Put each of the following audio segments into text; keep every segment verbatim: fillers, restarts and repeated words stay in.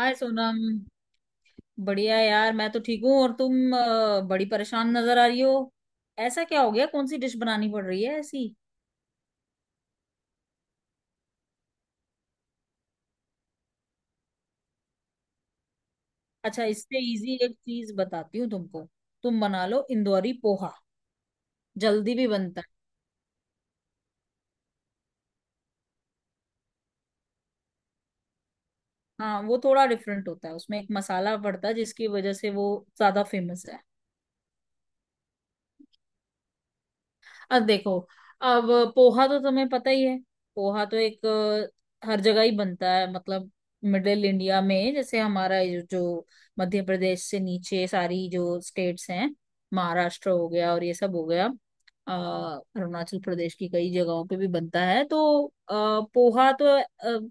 हाय सोनम। बढ़िया यार, मैं तो ठीक हूँ। और तुम अ, बड़ी परेशान नजर आ रही हो। ऐसा क्या हो गया? कौन सी डिश बनानी पड़ रही है ऐसी? अच्छा, इससे इजी एक चीज बताती हूँ तुमको। तुम बना लो इंदौरी पोहा, जल्दी भी बनता है। हाँ, वो थोड़ा डिफरेंट होता है। उसमें एक मसाला पड़ता है जिसकी वजह से वो ज्यादा फेमस है। अब देखो, अब पोहा तो तुम्हें पता ही है। पोहा तो एक अ, हर जगह ही बनता है, मतलब मिडिल इंडिया में। जैसे हमारा ये जो मध्य प्रदेश से नीचे सारी जो स्टेट्स हैं, महाराष्ट्र हो गया और ये सब हो गया, अ, अरुणाचल प्रदेश की कई जगहों पे भी बनता है। तो अ, पोहा तो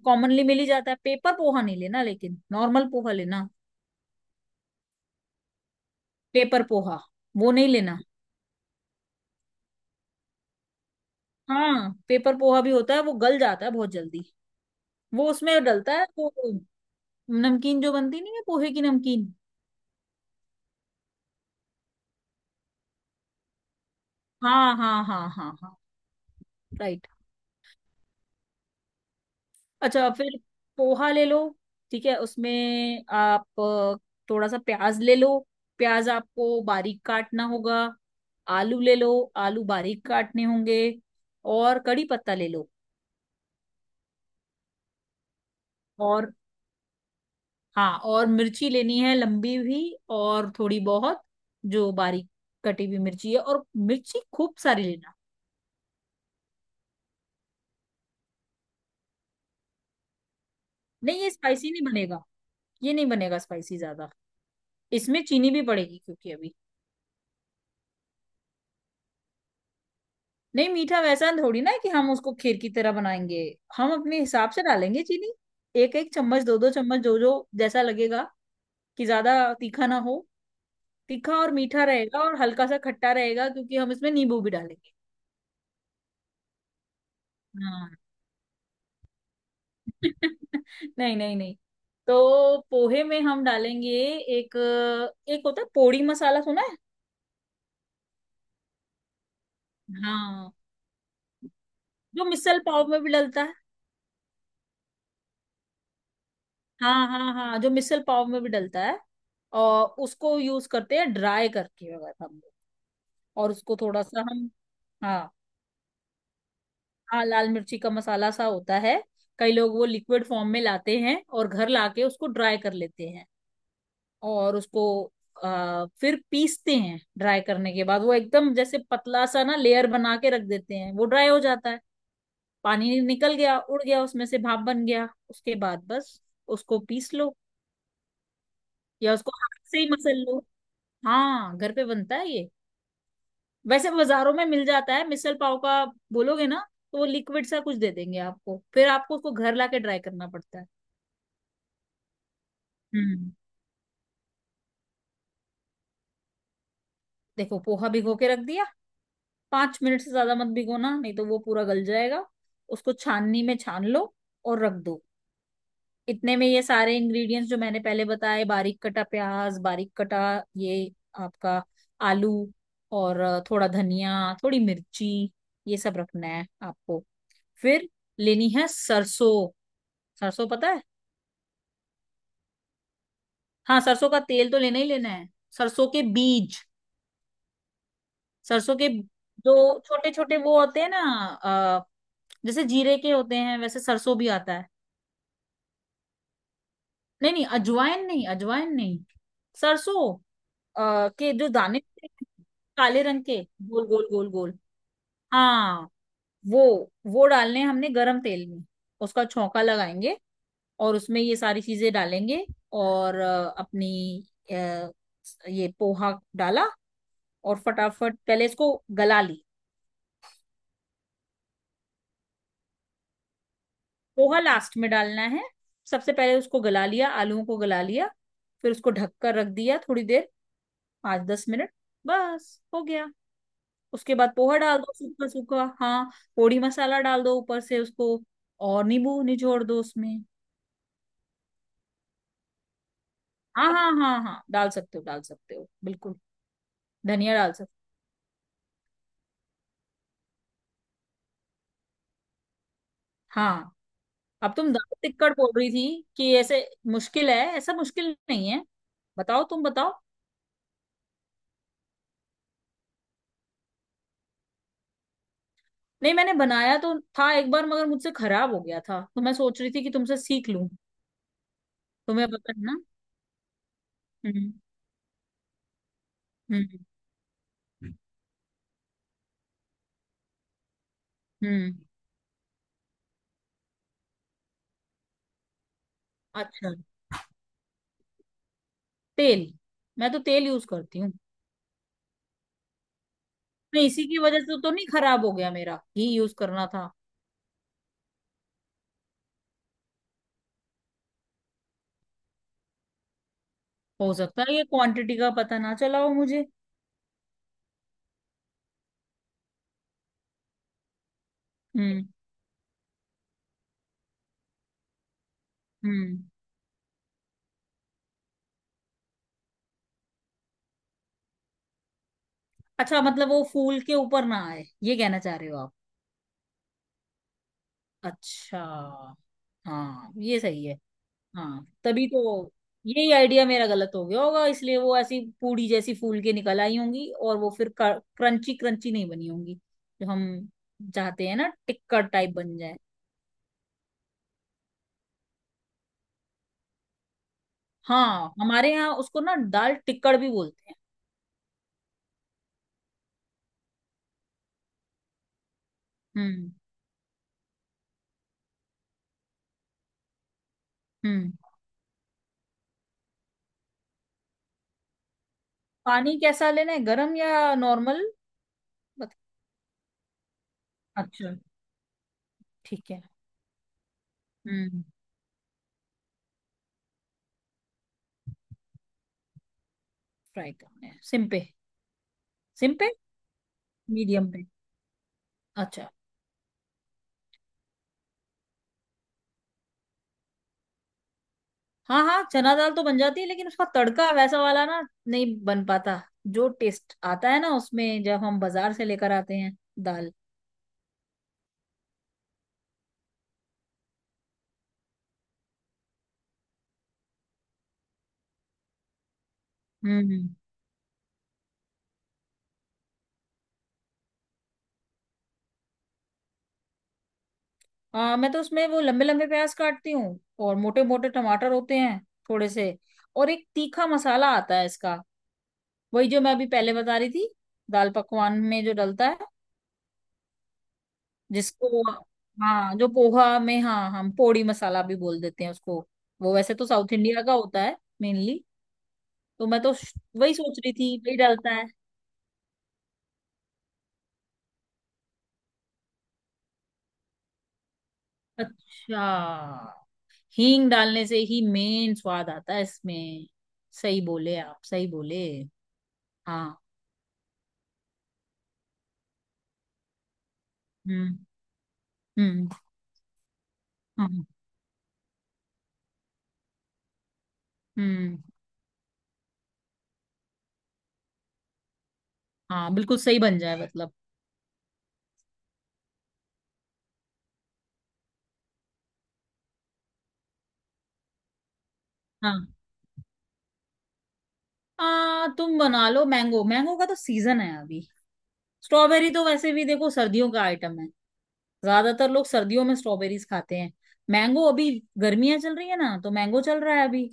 कॉमनली मिल ही जाता है। पेपर पोहा नहीं लेना, लेकिन नॉर्मल पोहा लेना। पेपर पोहा वो नहीं लेना। हाँ, पेपर पोहा भी होता है, वो गल जाता है बहुत जल्दी। वो उसमें डलता है तो नमकीन जो बनती नहीं है, पोहे की नमकीन। हाँ, हाँ, हाँ, हाँ, हाँ। राइट। अच्छा, फिर पोहा ले लो। ठीक है, उसमें आप अ, थोड़ा सा प्याज ले लो। प्याज आपको बारीक काटना होगा। आलू ले लो, आलू बारीक काटने होंगे। और कड़ी पत्ता ले लो। और, हाँ, और मिर्ची लेनी है, लंबी भी, और थोड़ी बहुत जो बारीक कटी हुई मिर्ची है, और मिर्ची खूब सारी लेना। नहीं, ये स्पाइसी नहीं बनेगा, ये नहीं बनेगा स्पाइसी ज्यादा। इसमें चीनी भी पड़ेगी क्योंकि अभी, नहीं, मीठा वैसा थोड़ी ना है कि हम उसको खीर की तरह बनाएंगे। हम अपने हिसाब से डालेंगे चीनी, एक एक चम्मच, दो दो चम्मच, जो जो जैसा लगेगा, कि ज्यादा तीखा ना हो। तीखा और मीठा रहेगा और हल्का सा खट्टा रहेगा, क्योंकि हम इसमें नींबू भी डालेंगे। हाँ। नहीं, नहीं, नहीं। तो पोहे में हम डालेंगे एक, एक होता है पोड़ी मसाला, सुना है? हाँ, जो मिसल पाव में भी डलता है। हाँ, हाँ, हाँ, जो मिसल पाव में भी डलता है। और उसको यूज करते हैं ड्राई करके, अगर हम लोग। और उसको थोड़ा सा हम, हाँ, हाँ, लाल मिर्ची का मसाला सा होता है। कई लोग वो लिक्विड फॉर्म में लाते हैं और घर लाके उसको ड्राई कर लेते हैं, और उसको आ, फिर पीसते हैं, ड्राई करने के बाद वो एकदम जैसे पतला सा ना लेयर बना के रख देते हैं। वो ड्राई हो जाता है, पानी निकल गया, उड़ गया उसमें से, भाप बन गया। उसके बाद बस उसको पीस लो, या उसको हाथ से ही मसल लो। हाँ, घर पे बनता है ये। वैसे बाजारों में मिल जाता है, मिसल पाव का बोलोगे ना तो वो लिक्विड सा कुछ दे देंगे आपको, फिर आपको उसको घर लाके ड्राई करना पड़ता है। हम्म। देखो, पोहा भिगो के रख दिया, पांच मिनट से ज्यादा मत भिगोना, नहीं तो वो पूरा गल जाएगा। उसको छाननी में छान लो और रख दो। इतने में ये सारे इंग्रेडिएंट्स जो मैंने पहले बताए, बारीक कटा प्याज, बारीक कटा ये आपका आलू, और थोड़ा धनिया, थोड़ी मिर्ची, ये सब रखना है आपको। फिर लेनी है सरसों। सरसों पता है? हाँ, सरसों का तेल तो लेना ही लेना है। सरसों के बीज, सरसों के जो छोटे छोटे वो होते हैं ना, अ, जैसे जीरे के होते हैं वैसे सरसों भी आता है। नहीं, नहीं, अजवाइन नहीं, अजवाइन नहीं। सरसों अ, के जो दाने होते हैं, काले रंग के, गोल गोल गोल गोल। हाँ, वो वो डालने हैं हमने गरम तेल में, उसका छौंका लगाएंगे और उसमें ये सारी चीजें डालेंगे। और अ, अपनी अ, ये पोहा डाला, और फटाफट पहले इसको गला ली। पोहा लास्ट में डालना है, सबसे पहले उसको गला लिया, आलूओं को गला लिया, फिर उसको ढक कर रख दिया थोड़ी देर, पाँच दस मिनट, बस हो गया। उसके बाद पोहा डाल दो, सूखा सूखा, हाँ। पोड़ी मसाला डाल दो ऊपर से उसको, और नींबू निचोड़ दो उसमें। हाँ, हाँ, हाँ, हाँ, डाल सकते हो, डाल सकते हो, बिल्कुल। धनिया डाल सकते हो। हाँ, अब तुम दाल टिक्कड़ बोल रही थी कि ऐसे मुश्किल है, ऐसा मुश्किल नहीं है। बताओ, तुम बताओ। नहीं, मैंने बनाया तो था एक बार, मगर मुझसे खराब हो गया था, तो मैं सोच रही थी कि तुमसे सीख लूं। तुम्हें पता है ना। हम्म। हम्म। हम्म। अच्छा, तेल, मैं तो तेल यूज करती हूँ। नहीं, इसी की वजह से तो नहीं खराब हो गया मेरा, घी यूज करना था। हो सकता है, ये क्वांटिटी का पता ना चला हो मुझे। हम्म। हम्म। अच्छा, मतलब वो फूल के ऊपर ना आए, ये कहना चाह रहे हो आप? अच्छा। हाँ, ये सही है। हाँ, तभी तो, यही आइडिया मेरा गलत हो गया होगा, इसलिए वो ऐसी पूड़ी जैसी फूल के निकल आई होंगी और वो फिर क्रंची क्रंची नहीं बनी होंगी, जो हम चाहते हैं ना टिक्कर टाइप बन जाए। हाँ, हमारे यहाँ उसको ना दाल टिक्कड़ भी बोलते हैं। हम्म। हम्म। पानी कैसा लेना है, गरम या नॉर्मल? अच्छा, ठीक है। हम्म। फ्राई करना है सिम पे? सिम पे, मीडियम पे। अच्छा। हाँ, हाँ, चना दाल तो बन जाती है, लेकिन उसका तड़का वैसा वाला ना, नहीं बन पाता, जो टेस्ट आता है ना उसमें जब हम बाजार से लेकर आते हैं दाल। हम्म। हम्म। आ, मैं तो उसमें वो लंबे लंबे प्याज काटती हूँ, और मोटे मोटे टमाटर होते हैं थोड़े से, और एक तीखा मसाला आता है इसका, वही जो मैं अभी पहले बता रही थी, दाल पकवान में जो डलता है, जिसको, हाँ, जो पोहा में, हाँ, हम पोड़ी मसाला भी बोल देते हैं उसको। वो वैसे तो साउथ इंडिया का होता है, मेनली। तो मैं तो श- वही सोच रही थी, वही डालता है। अच्छा, हींग डालने से ही मेन स्वाद आता है इसमें। सही बोले आप, सही बोले। हाँ। हम्म। हम्म। हाँ। हम्म। हाँ, बिल्कुल सही बन जाए, मतलब। हाँ, आ, तुम बना लो मैंगो, मैंगो का तो सीजन है अभी। स्ट्रॉबेरी तो वैसे भी देखो सर्दियों का आइटम है, ज्यादातर लोग सर्दियों में स्ट्रॉबेरीज खाते हैं। मैंगो अभी, गर्मियां चल रही है ना, तो मैंगो चल रहा है अभी,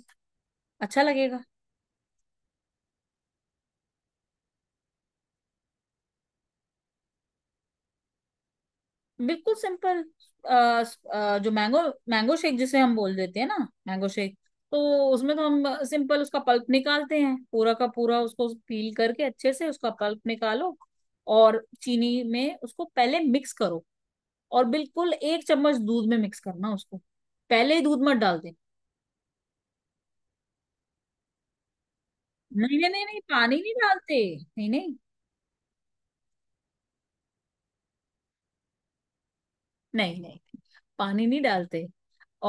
अच्छा लगेगा। बिल्कुल सिंपल। जो मैंगो मैंगो शेक जिसे हम बोल देते हैं ना, मैंगो शेक, तो उसमें तो हम सिंपल उसका पल्प निकालते हैं पूरा का पूरा। उसको पील करके अच्छे से उसका पल्प निकालो, और चीनी में उसको पहले मिक्स करो, और बिल्कुल एक चम्मच दूध में मिक्स करना उसको, पहले ही दूध मत डाल देना। नहीं, नहीं, नहीं, नहीं, पानी नहीं डालते। नहीं, नहीं, नहीं, नहीं, पानी नहीं डालते।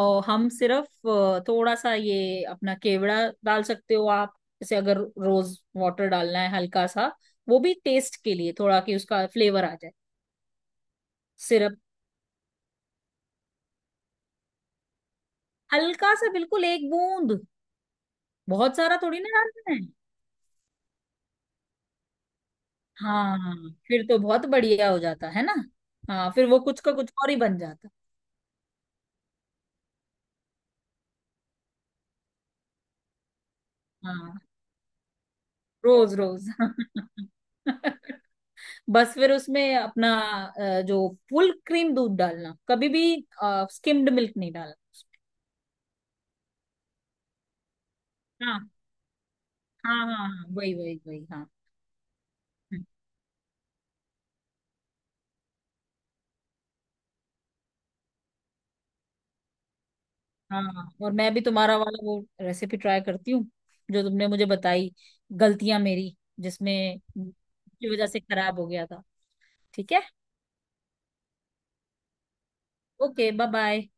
और हम सिर्फ अ, थोड़ा सा ये अपना केवड़ा डाल सकते हो आप। जैसे अगर रोज वाटर डालना है हल्का सा, वो भी टेस्ट के लिए थोड़ा, कि उसका फ्लेवर आ जाए। सिर्फ हल्का सा, बिल्कुल एक बूंद, बहुत सारा थोड़ी ना डालना है। हाँ, फिर तो बहुत बढ़िया हो जाता है ना। हाँ, फिर वो कुछ का कुछ और ही बन जाता। हाँ, रोज रोज। बस फिर उसमें अपना अ, जो फुल क्रीम दूध डालना कभी भी, स्किम्ड मिल्क नहीं डालना। हाँ, हाँ, हाँ, हाँ, वही वही वही, हाँ। हम्म। हाँ, हाँ, और मैं भी तुम्हारा वाला वो रेसिपी ट्राई करती हूँ, जो तुमने मुझे बताई। गलतियां मेरी, जिसमें की वजह से खराब हो गया था। ठीक है। Okay, bye bye.